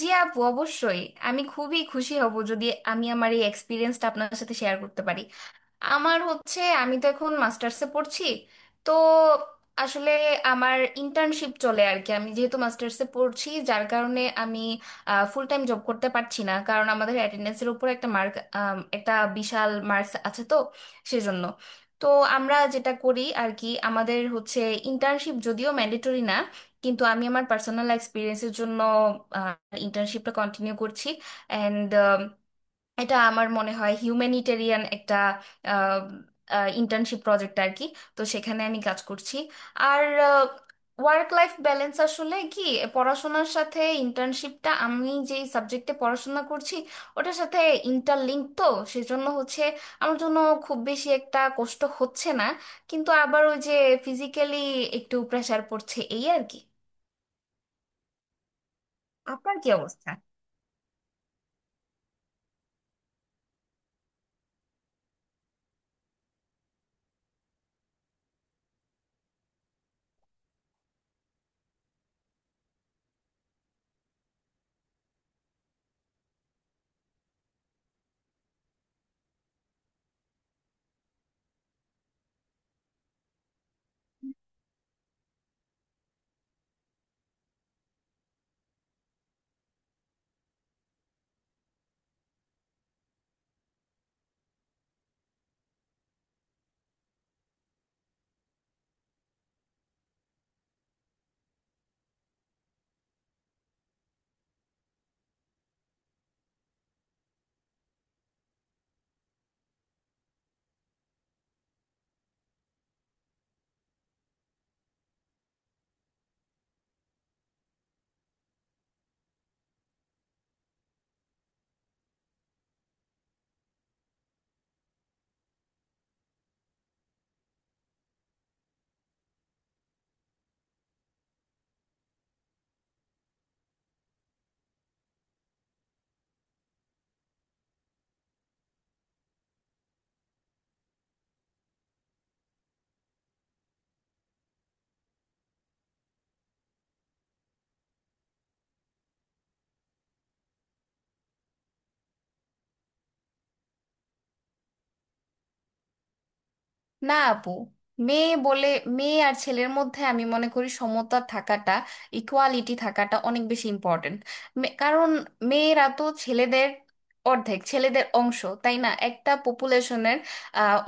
জি আপু, অবশ্যই। আমি খুবই খুশি হব যদি আমি আমার এই এক্সপিরিয়েন্সটা আপনার সাথে শেয়ার করতে পারি। আমার হচ্ছে, আমি তো এখন মাস্টার্সে পড়ছি। তো আসলে আমার ইন্টার্নশিপ চলে আর কি। আমি যেহেতু মাস্টার্সে পড়ছি, যার কারণে আমি ফুল টাইম জব করতে পারছি না, কারণ আমাদের অ্যাটেন্ডেন্সের উপর একটা মার্ক, একটা বিশাল মার্কস আছে। তো সেজন্য, তো আমরা যেটা করি আর কি, আমাদের হচ্ছে ইন্টার্নশিপ যদিও ম্যান্ডেটরি না, কিন্তু আমি আমার পার্সোনাল এক্সপিরিয়েন্সের জন্য ইন্টার্নশিপটা কন্টিনিউ করছি। অ্যান্ড এটা আমার মনে হয় হিউম্যানিটেরিয়ান একটা ইন্টার্নশিপ প্রজেক্ট আর কি। তো সেখানে আমি কাজ করছি। আর ওয়ার্ক লাইফ ব্যালেন্স আসলে কি, পড়াশোনার সাথে ইন্টার্নশিপটা আমি যেই সাবজেক্টে পড়াশোনা করছি ওটার সাথে ইন্টারলিঙ্ক। তো সেজন্য হচ্ছে আমার জন্য খুব বেশি একটা কষ্ট হচ্ছে না, কিন্তু আবার ওই যে ফিজিক্যালি একটু প্রেশার পড়ছে এই আর কি। আপনার কি অবস্থা? না আপু, মেয়ে বলে, মেয়ে আর ছেলের মধ্যে আমি মনে করি সমতা থাকাটা, ইকুয়ালিটি থাকাটা অনেক বেশি ইম্পর্টেন্ট। কারণ মেয়েরা তো ছেলেদের অর্ধেক, ছেলেদের অংশ, তাই না? একটা পপুলেশনের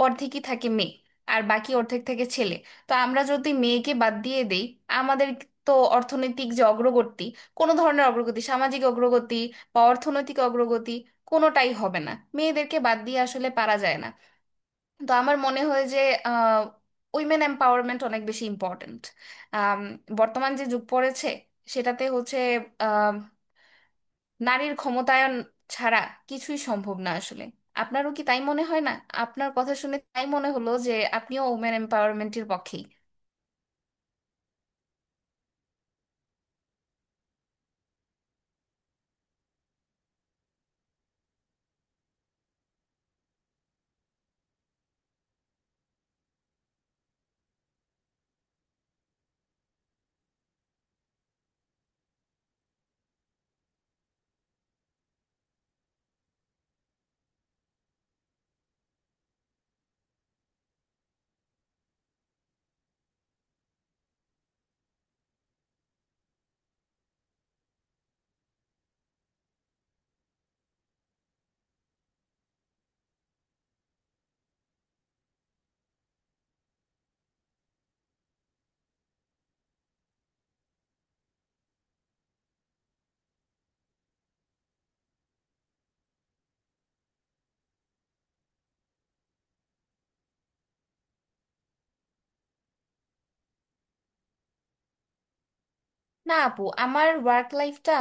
অর্ধেকই থাকে মেয়ে, আর বাকি অর্ধেক থাকে ছেলে। তো আমরা যদি মেয়েকে বাদ দিয়ে দেই, আমাদের তো অর্থনৈতিক যে অগ্রগতি, কোনো ধরনের অগ্রগতি, সামাজিক অগ্রগতি বা অর্থনৈতিক অগ্রগতি কোনোটাই হবে না। মেয়েদেরকে বাদ দিয়ে আসলে পারা যায় না। তো আমার মনে হয় যে উইমেন এম্পাওয়ারমেন্ট অনেক বেশি ইম্পর্ট্যান্ট। বর্তমান যে যুগ পড়েছে, সেটাতে হচ্ছে আম, নারীর ক্ষমতায়ন ছাড়া কিছুই সম্ভব না আসলে। আপনারও কি তাই মনে হয় না? আপনার কথা শুনে তাই মনে হলো যে আপনিও উইমেন এম্পাওয়ারমেন্টের পক্ষে। না আপু, আমার ওয়ার্ক লাইফটা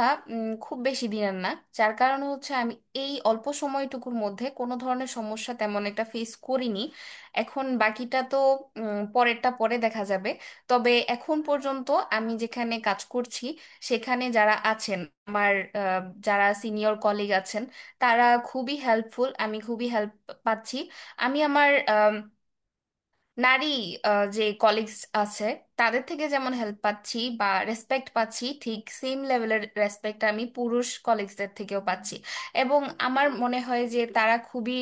খুব বেশি দিনের না, যার কারণে হচ্ছে আমি এই অল্প সময়টুকুর মধ্যে কোনো ধরনের সমস্যা তেমন একটা ফেস করিনি। এখন বাকিটা তো পরেরটা পরে দেখা যাবে। তবে এখন পর্যন্ত আমি যেখানে কাজ করছি সেখানে যারা আছেন, আমার আহ, যারা সিনিয়র কলিগ আছেন, তারা খুবই হেল্পফুল। আমি খুবই হেল্প পাচ্ছি। আমি আমার নারী, যে কলিগস আছে তাদের থেকে যেমন হেল্প পাচ্ছি বা রেসপেক্ট পাচ্ছি, ঠিক সেম লেভেলের রেসপেক্ট আমি পুরুষ কলিগসদের থেকেও পাচ্ছি। এবং আমার মনে হয় যে তারা খুবই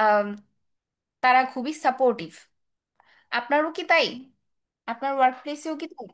আম, তারা খুবই সাপোর্টিভ। আপনারও কি তাই? আপনার ওয়ার্ক প্লেসেও কি তাই?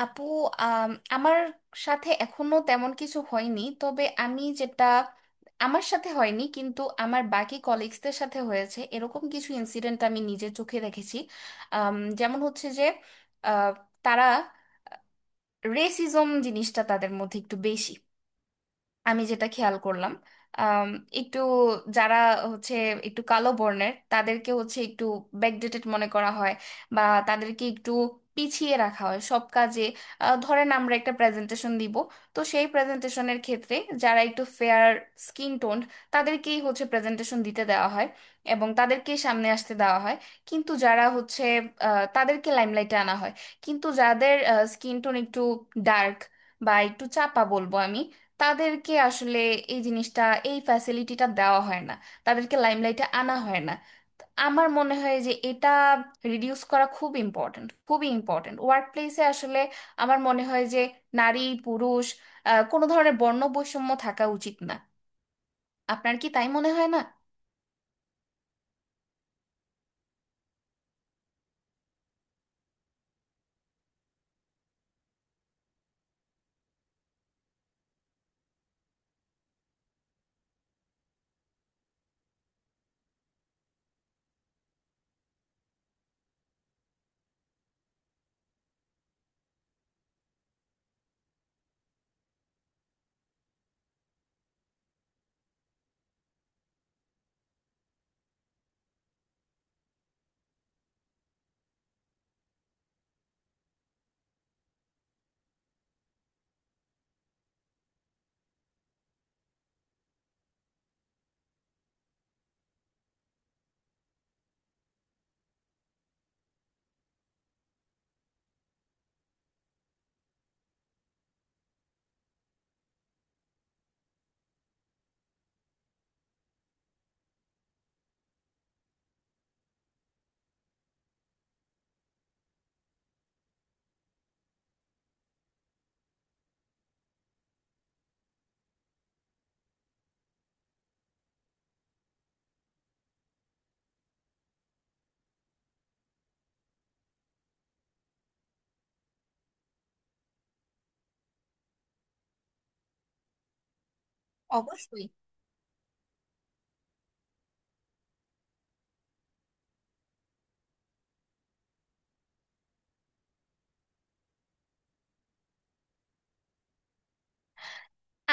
আপু, আম, আমার সাথে এখনো তেমন কিছু হয়নি, তবে আমি যেটা, আমার সাথে হয়নি কিন্তু আমার বাকি কলিগসদের সাথে হয়েছে, এরকম কিছু ইনসিডেন্ট আমি নিজে চোখে দেখেছি। যেমন হচ্ছে যে, আহ, তারা, রেসিজম জিনিসটা তাদের মধ্যে একটু বেশি আমি যেটা খেয়াল করলাম। আম, একটু যারা হচ্ছে একটু কালো বর্ণের, তাদেরকে হচ্ছে একটু ব্যাকডেটেড মনে করা হয় বা তাদেরকে একটু পিছিয়ে রাখা হয় সব কাজে। ধরেন আমরা একটা প্রেজেন্টেশন দিব, তো সেই প্রেজেন্টেশনের ক্ষেত্রে যারা একটু ফেয়ার স্কিন টোন্ড, তাদেরকেই হচ্ছে প্রেজেন্টেশন দিতে দেওয়া হয় এবং তাদেরকেই সামনে আসতে দেওয়া হয়। কিন্তু যারা হচ্ছে, তাদেরকে লাইমলাইটে আনা হয়, কিন্তু যাদের স্কিন টোন একটু ডার্ক বা একটু চাপা বলবো আমি, তাদেরকে আসলে এই জিনিসটা, এই ফ্যাসিলিটিটা দেওয়া হয় না, তাদেরকে লাইমলাইটে আনা হয় না। তো আমার মনে হয় যে এটা রিডিউস করা খুব ইম্পর্ট্যান্ট, খুবই ইম্পর্ট্যান্ট ওয়ার্ক প্লেসে আসলে। আমার মনে হয় যে নারী পুরুষ, কোনো ধরনের বর্ণ বৈষম্য থাকা উচিত না। আপনার কি তাই মনে হয় না? অবশ্যই।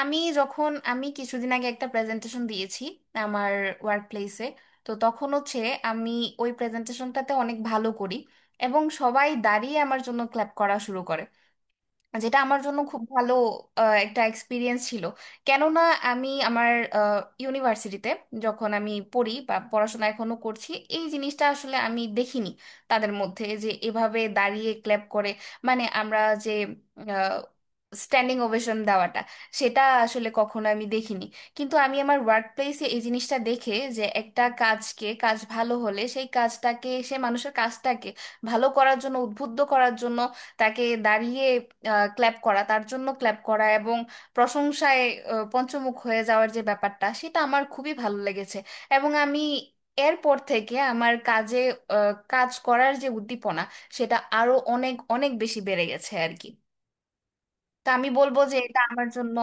আমি যখন, আমি কিছুদিন আগে একটা প্রেজেন্টেশন দিয়েছি আমার ওয়ার্ক প্লেসে। তো তখন হচ্ছে আমি ওই প্রেজেন্টেশনটাতে অনেক ভালো করি এবং সবাই দাঁড়িয়ে আমার জন্য ক্ল্যাপ করা শুরু করে। যেটা আমার জন্য খুব ভালো একটা এক্সপিরিয়েন্স ছিল। কেননা আমি আমার ইউনিভার্সিটিতে যখন আমি পড়ি বা পড়াশোনা এখনো করছি, এই জিনিসটা আসলে আমি দেখিনি তাদের মধ্যে, যে এভাবে দাঁড়িয়ে ক্ল্যাপ করে, মানে আমরা যে স্ট্যান্ডিং ওভেশন দেওয়াটা, সেটা আসলে কখনো আমি দেখিনি। কিন্তু আমি আমার ওয়ার্ক প্লেসে এই জিনিসটা দেখে, যে একটা কাজকে, কাজ ভালো হলে সেই কাজটাকে, সেই মানুষের কাজটাকে ভালো করার জন্য, উদ্বুদ্ধ করার জন্য তাকে দাঁড়িয়ে ক্ল্যাপ করা, তার জন্য ক্ল্যাপ করা এবং প্রশংসায় পঞ্চমুখ হয়ে যাওয়ার যে ব্যাপারটা, সেটা আমার খুবই ভালো লেগেছে। এবং আমি এরপর থেকে আমার কাজে কাজ করার যে উদ্দীপনা, সেটা আরো অনেক অনেক বেশি বেড়ে গেছে আর কি। তো আমি বলবো যে এটা আমার জন্য।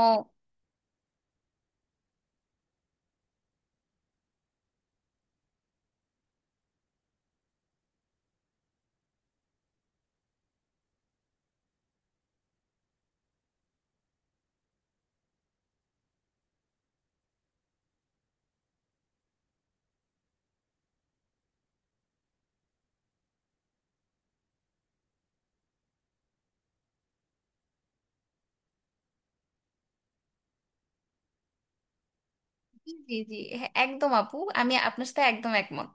জি জি জি হ্যাঁ, একদম আপু, আমি আপনার সাথে একদম একমত।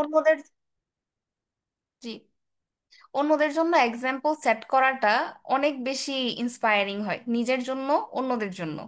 অন্যদের। জি। অন্যদের জন্য এক্সাম্পল সেট করাটা অনেক বেশি ইন্সপায়ারিং হয়, নিজের জন্য, অন্যদের জন্য।